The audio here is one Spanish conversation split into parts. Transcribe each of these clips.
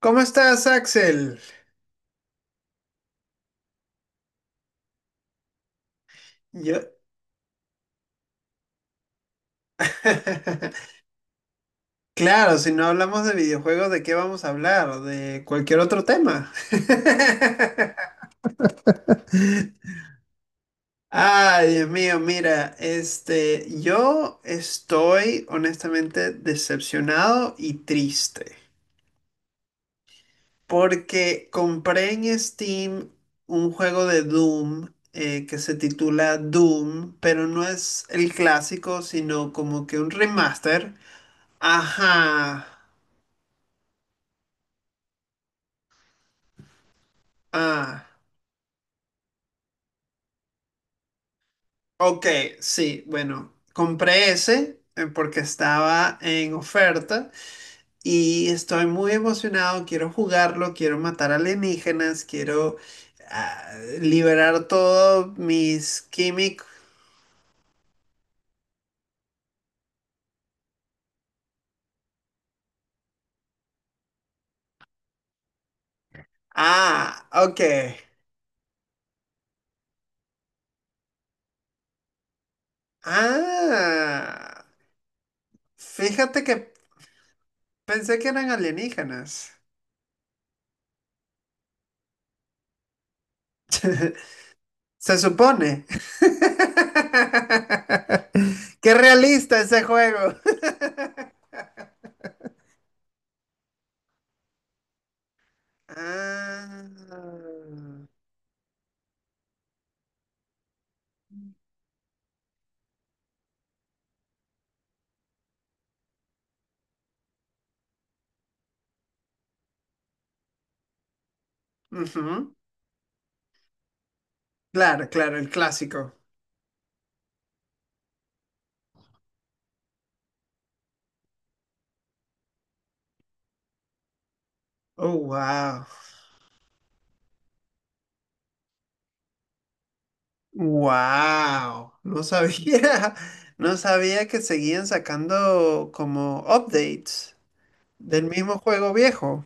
¿Cómo estás, Axel? Yo... Claro, si no hablamos de videojuegos, ¿de qué vamos a hablar? De cualquier otro tema. Ay, Dios mío, mira, yo estoy honestamente decepcionado y triste porque compré en Steam un juego de Doom que se titula Doom, pero no es el clásico, sino como que un remaster. Ajá. Ah, ok, sí, bueno, compré ese porque estaba en oferta y estoy muy emocionado, quiero jugarlo, quiero matar alienígenas, quiero ah, liberar todos mis químicos. Ah, ok. Ah, fíjate que pensé que eran alienígenas. Se supone. Qué realista ese juego. Ah. Ujú. Claro, claro, el clásico. Oh, wow. Wow. No sabía. No sabía que seguían sacando como updates del mismo juego viejo.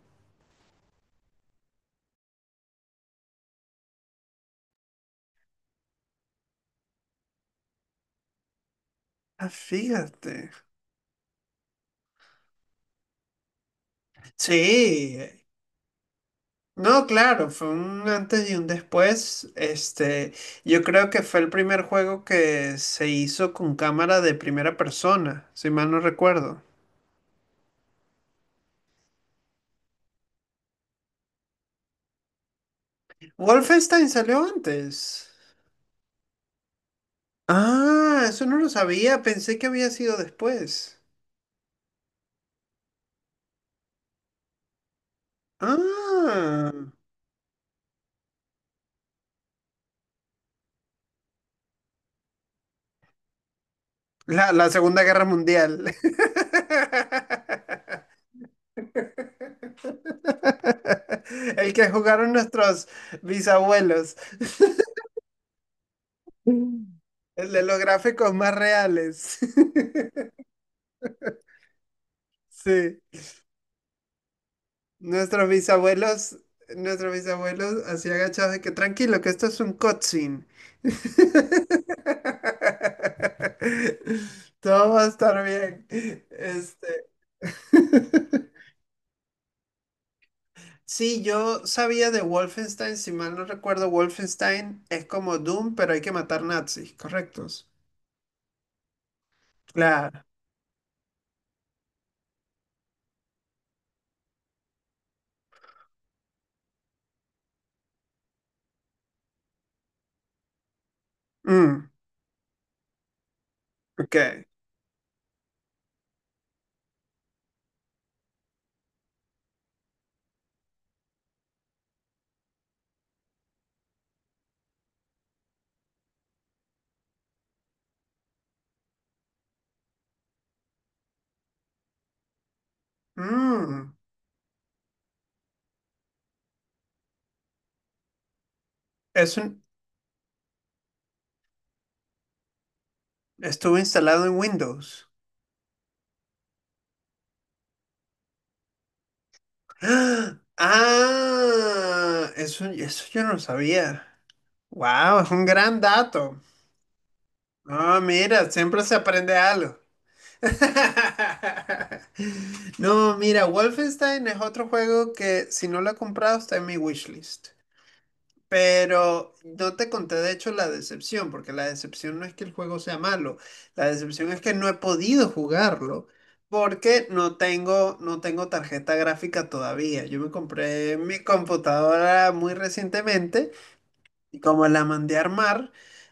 Ah, fíjate. Sí. No, claro, fue un antes y un después. Yo creo que fue el primer juego que se hizo con cámara de primera persona, si mal no recuerdo. Wolfenstein salió antes. Ah, eso no lo sabía, pensé que había sido después. Ah, la, la Segunda Guerra Mundial. El que jugaron nuestros bisabuelos. Mm. El de los gráficos más reales. Sí. Nuestros bisabuelos, nuestros bisabuelos así agachados de que tranquilo, que esto es un cutscene. Todo va a estar bien. Este... Sí, yo sabía de Wolfenstein, si mal no recuerdo, Wolfenstein es como Doom, pero hay que matar nazis, ¿correctos? Claro. Mm, ok. Mm, es un- estuvo instalado en Windows. ¡Ah! ¡Ah! Eso yo no lo sabía. Wow, es un gran dato. No, mira, siempre se aprende algo. No, mira, Wolfenstein es otro juego que si no lo he comprado está en mi wishlist. Pero no te conté de hecho la decepción, porque la decepción no es que el juego sea malo, la decepción es que no he podido jugarlo porque no tengo tarjeta gráfica todavía. Yo me compré mi computadora muy recientemente y como la mandé a armar,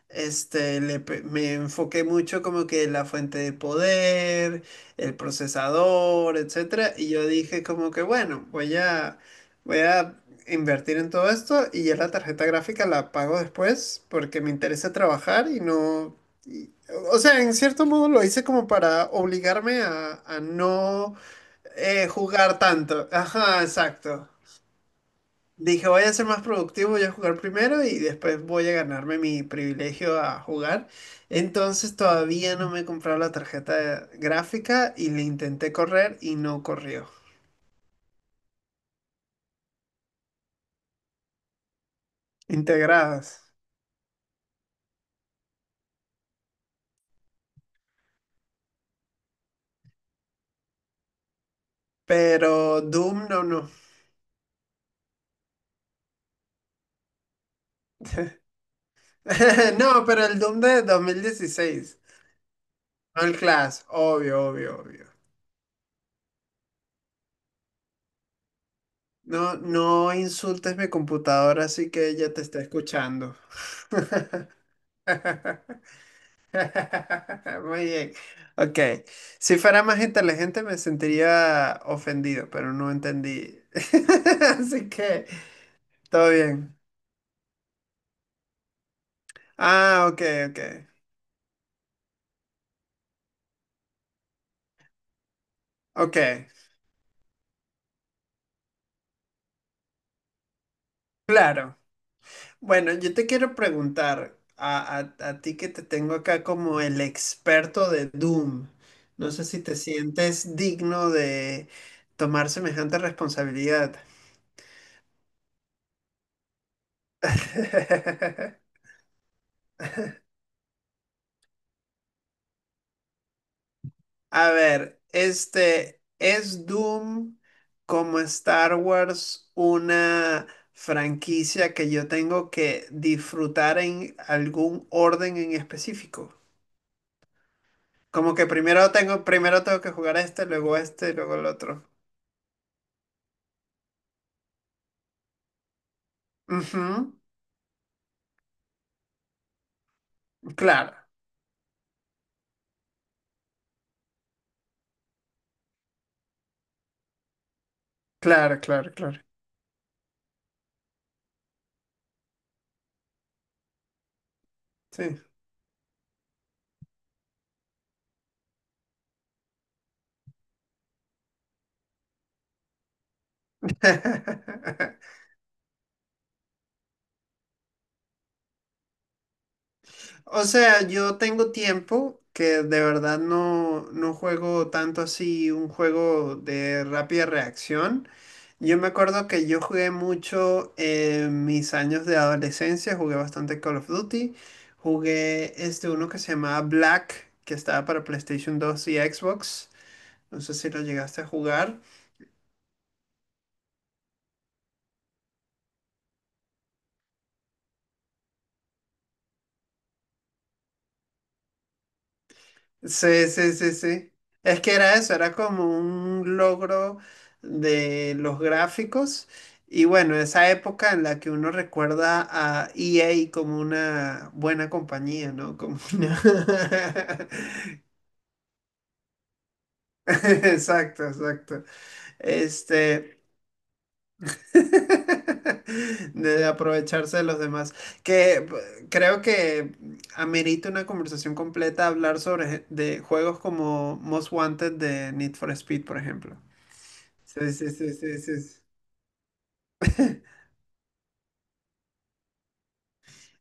me enfoqué mucho como que la fuente de poder, el procesador, etcétera, y yo dije como que bueno, voy a invertir en todo esto y ya la tarjeta gráfica la pago después porque me interesa trabajar y no, y- o sea, en cierto modo lo hice como para obligarme a no jugar tanto. Ajá, exacto. Dije, voy a ser más productivo, voy a jugar primero y después voy a ganarme mi privilegio a jugar. Entonces todavía no me he comprado la tarjeta gráfica y le intenté correr y no corrió. Integradas. Pero Doom no, no. No, pero el Doom de 2016. No el Clash, obvio, obvio, obvio. No, no insultes mi computadora, así que ella te está escuchando. Muy bien. Ok. Si fuera más inteligente me sentiría ofendido, pero no entendí. Así que, todo bien. Ah, ok, ok. Ok, claro. Bueno, yo te quiero preguntar a ti que te tengo acá como el experto de Doom. No sé si te sientes digno de tomar semejante responsabilidad. A ver, este, ¿es Doom como Star Wars una franquicia que yo tengo que disfrutar en algún orden en específico? Como que primero tengo que jugar este, luego el otro. Ujú, Claro, claro, claro, claro. Sí. O sea, yo tengo tiempo que de verdad no, no juego tanto así un juego de rápida reacción. Yo me acuerdo que yo jugué mucho en mis años de adolescencia, jugué bastante Call of Duty, jugué este uno que se llamaba Black, que estaba para PlayStation 2 y Xbox, no sé si lo llegaste a jugar. Sí, sí, sí, sí. Es que era eso, era como un logro de los gráficos y bueno, esa época en la que uno recuerda a EA como una buena compañía, ¿no? Como una... Exacto, exacto. Este, de aprovecharse de los demás, creo que amerita una conversación completa hablar sobre de juegos como Most Wanted de Need for Speed, por ejemplo. Sí, sí, sí, sí, sí, sí.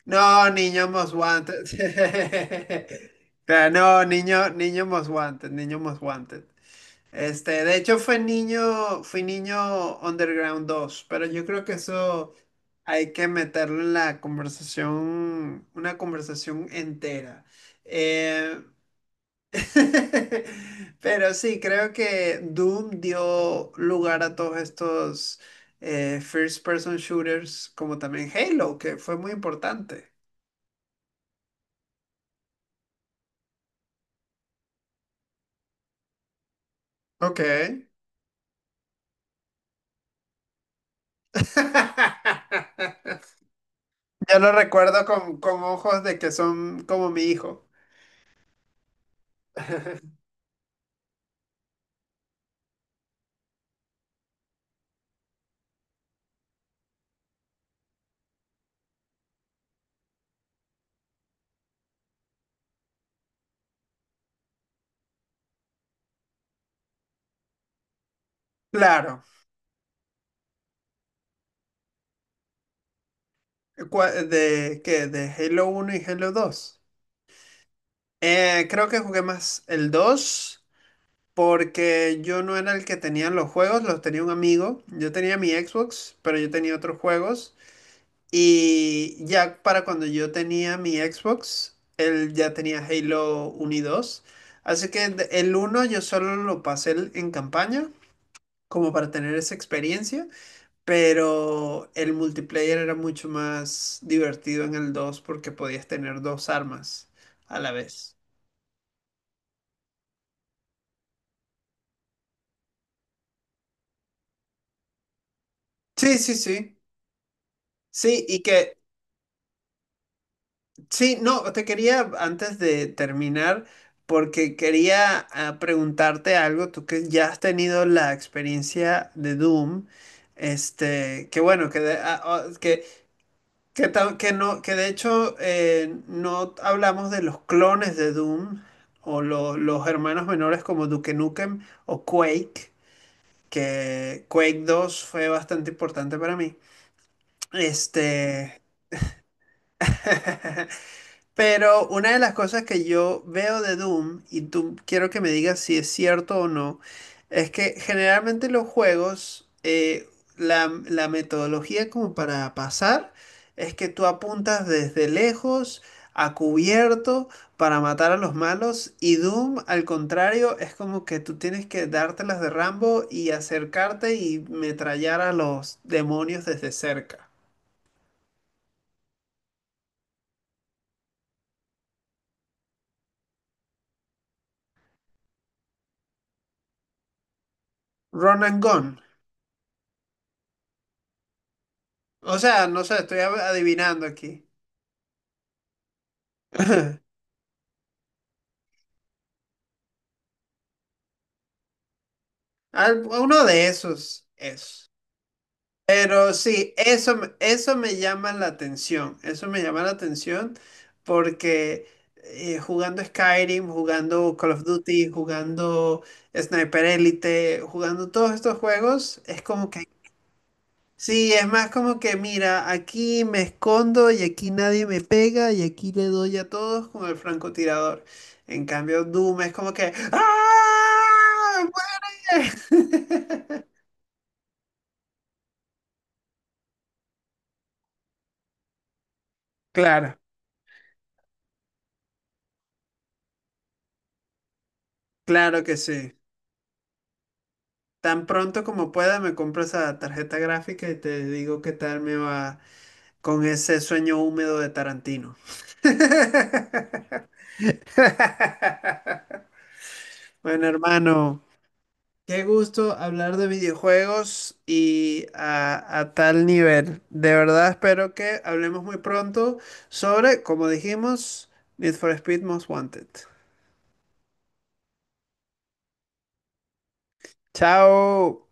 No, niño Most Wanted. Claro, no, niño Most Wanted, niño Most Wanted. Este, de hecho fui niño Underground dos, pero yo creo que eso hay que meterlo en la conversación, una conversación entera. Eh, pero sí, creo que Doom dio lugar a todos estos first person shooters, como también Halo, que fue muy importante. Ok. Ya lo recuerdo con ojos de que son como mi hijo. Claro, de Halo uno y Halo 2. Creo que jugué más el 2, porque yo no era el que tenía los juegos, los tenía un amigo. Yo tenía mi Xbox, pero yo tenía otros juegos y ya para cuando yo tenía mi Xbox, él ya tenía Halo uno y 2. Así que el uno yo solo lo pasé en campaña como para tener esa experiencia. Pero el multiplayer era mucho más divertido en el 2 porque podías tener dos armas a la vez. Sí, sí, sí. Sí, y que, sí, no, te quería antes de terminar, porque quería preguntarte algo, tú que ya has tenido la experiencia de Doom, este, que bueno, que, que. Que, que no, que de hecho no hablamos de los clones de Doom los hermanos menores como Duke Nukem o Quake, que Quake 2 fue bastante importante para mí. Este, pero una de las cosas que yo veo de Doom, y tú quiero que me digas si es cierto o no, es que generalmente los juegos, la metodología como para pasar es que tú apuntas desde lejos, a cubierto, para matar a los malos, y Doom, al contrario, es como que tú tienes que dártelas de Rambo y acercarte y metrallar a los demonios desde cerca. Run and gun. O sea, no sé, estoy adivinando aquí. Uno de esos, eso. Pero sí, eso, eso me llama la atención, eso me llama la atención porque jugando Skyrim, jugando Call of Duty, jugando Sniper Elite, jugando todos estos juegos, es como que, sí, es más como que, mira, aquí me escondo y aquí nadie me pega y aquí le doy a todos con el francotirador. En cambio, Doom es como que, ¡ah! ¡Muere! Claro, claro que sí. Tan pronto como pueda me compro esa tarjeta gráfica y te digo qué tal me va con ese sueño húmedo de Tarantino. Bueno, hermano, qué gusto hablar de videojuegos y a tal nivel. De verdad espero que hablemos muy pronto sobre, como dijimos, Need for Speed Most Wanted. Chao.